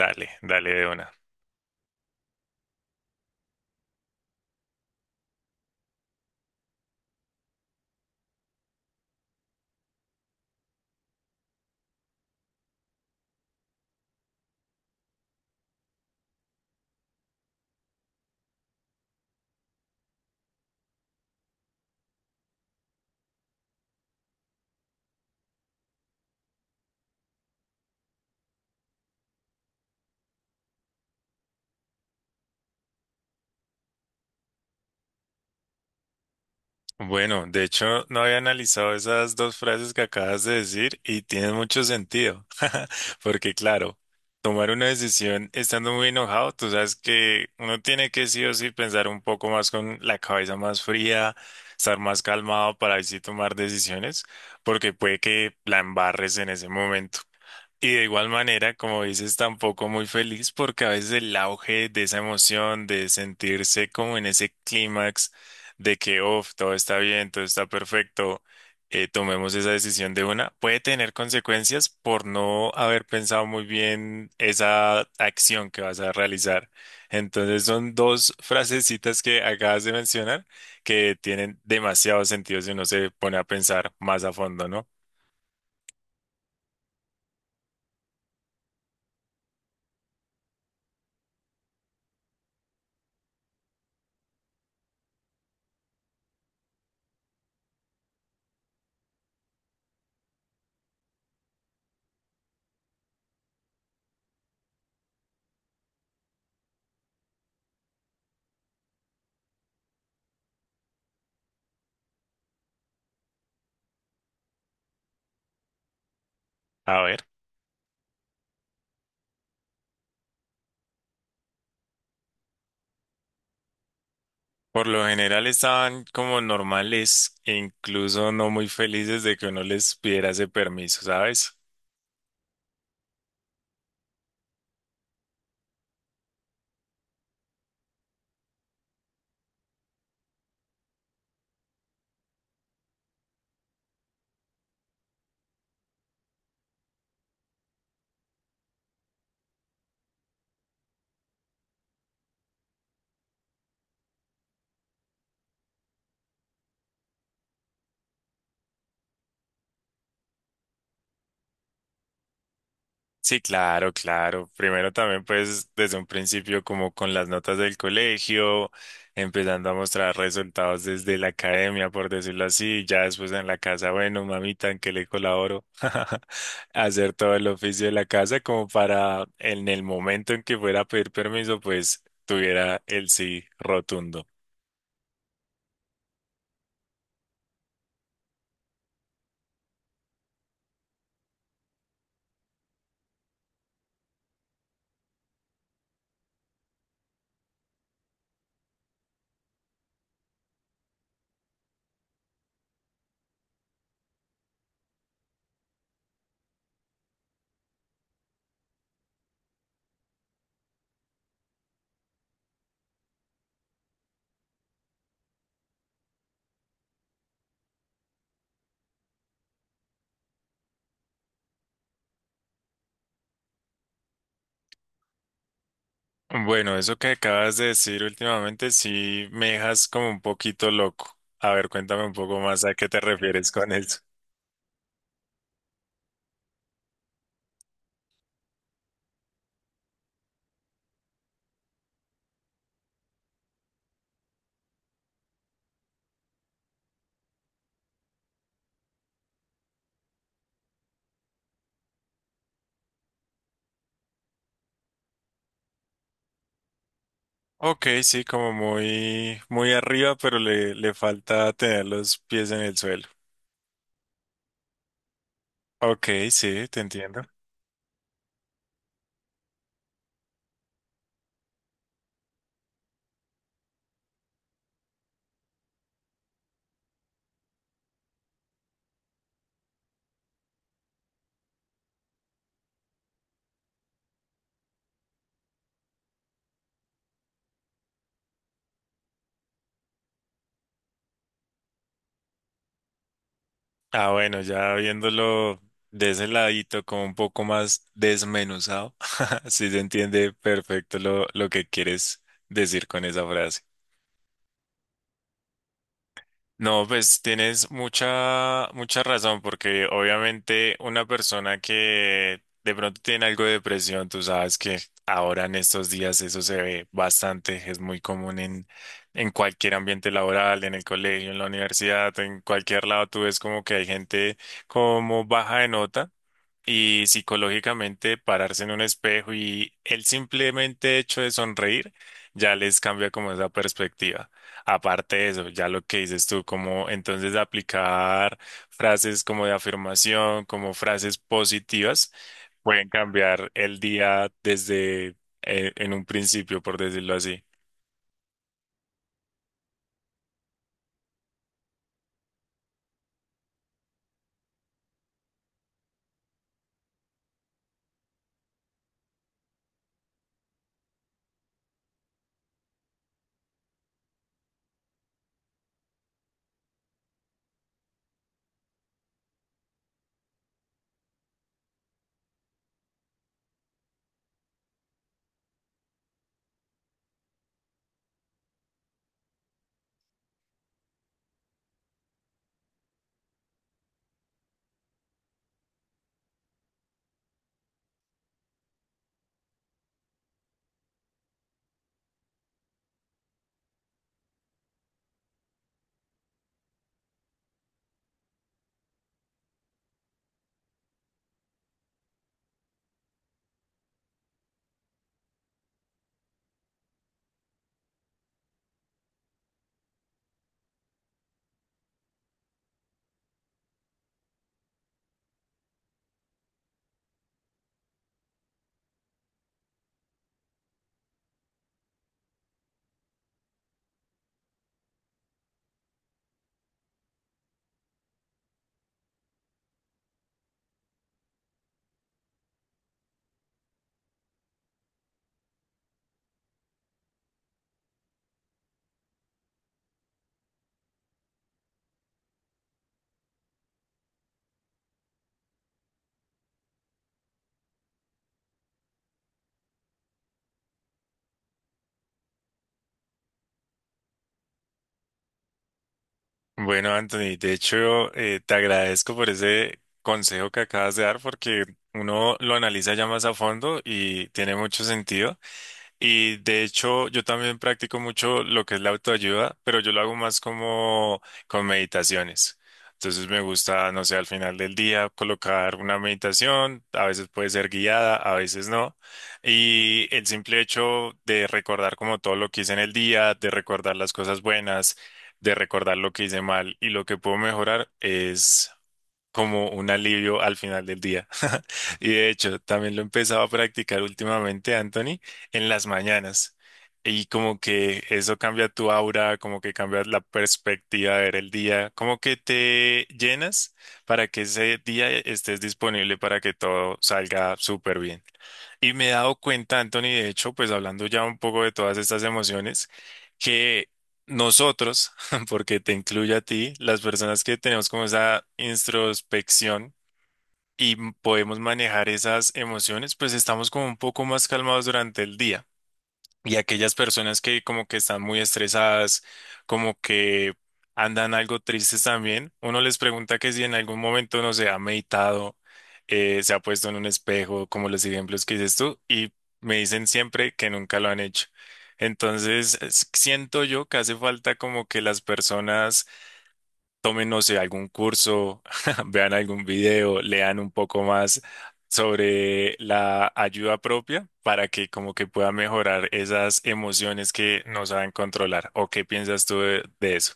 Dale, dale de una. Bueno, de hecho, no había analizado esas dos frases que acabas de decir y tienen mucho sentido, porque claro, tomar una decisión estando muy enojado, tú sabes que uno tiene que sí o sí pensar un poco más con la cabeza más fría, estar más calmado para así tomar decisiones, porque puede que la embarres en ese momento. Y de igual manera, como dices, tampoco muy feliz porque a veces el auge de esa emoción, de sentirse como en ese clímax de que, oh, todo está bien, todo está perfecto, tomemos esa decisión de una, puede tener consecuencias por no haber pensado muy bien esa acción que vas a realizar. Entonces son dos frasecitas que acabas de mencionar que tienen demasiado sentido si uno se pone a pensar más a fondo, ¿no? A ver. Por lo general estaban como normales e incluso no muy felices de que uno les pidiera ese permiso, ¿sabes? Sí, claro, claro. Primero también pues desde un principio como con las notas del colegio, empezando a mostrar resultados desde la academia, por decirlo así, ya después en la casa, bueno, mamita, ¿en qué le colaboro? Hacer todo el oficio de la casa como para en el momento en que fuera a pedir permiso, pues tuviera el sí rotundo. Bueno, eso que acabas de decir últimamente sí me dejas como un poquito loco. A ver, cuéntame un poco más a qué te refieres con eso. Ok, sí, como muy, muy arriba, pero le falta tener los pies en el suelo. Ok, sí, te entiendo. Ah, bueno, ya viéndolo de ese ladito, como un poco más desmenuzado, sí se entiende perfecto lo que quieres decir con esa frase. No, pues tienes mucha, mucha razón, porque obviamente una persona que de pronto tiene algo de depresión, tú sabes que ahora en estos días eso se ve bastante, es muy común en cualquier ambiente laboral, en el colegio, en la universidad, en cualquier lado, tú ves como que hay gente como baja de nota y psicológicamente pararse en un espejo y el simplemente hecho de sonreír ya les cambia como esa perspectiva. Aparte de eso, ya lo que dices tú, como entonces aplicar frases como de afirmación, como frases positivas, pueden cambiar el día desde en un principio, por decirlo así. Bueno, Anthony, de hecho, te agradezco por ese consejo que acabas de dar porque uno lo analiza ya más a fondo y tiene mucho sentido. Y de hecho, yo también practico mucho lo que es la autoayuda, pero yo lo hago más como con meditaciones. Entonces me gusta, no sé, al final del día colocar una meditación, a veces puede ser guiada, a veces no. Y el simple hecho de recordar como todo lo que hice en el día, de recordar las cosas buenas, de recordar lo que hice mal y lo que puedo mejorar es como un alivio al final del día. Y de hecho, también lo he empezado a practicar últimamente, Anthony, en las mañanas. Y como que eso cambia tu aura, como que cambia la perspectiva de ver el día, como que te llenas para que ese día estés disponible para que todo salga súper bien. Y me he dado cuenta, Anthony, de hecho, pues hablando ya un poco de todas estas emociones, que nosotros, porque te incluye a ti, las personas que tenemos como esa introspección y podemos manejar esas emociones, pues estamos como un poco más calmados durante el día. Y aquellas personas que como que están muy estresadas, como que andan algo tristes también, uno les pregunta que si en algún momento no se ha meditado, se ha puesto en un espejo, como los ejemplos que dices tú, y me dicen siempre que nunca lo han hecho. Entonces, siento yo que hace falta como que las personas tomen, no sé, algún curso, vean algún video, lean un poco más sobre la ayuda propia para que como que pueda mejorar esas emociones que no saben controlar. ¿O qué piensas tú de eso?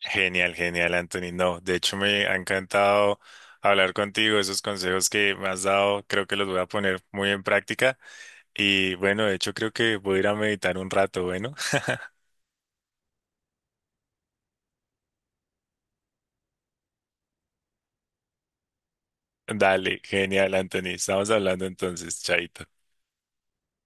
Genial, genial, Anthony. No, de hecho me ha encantado hablar contigo. Esos consejos que me has dado, creo que los voy a poner muy en práctica. Y bueno, de hecho creo que voy a ir a meditar un rato, bueno. Dale, genial, Anthony. Estamos hablando entonces, chaito.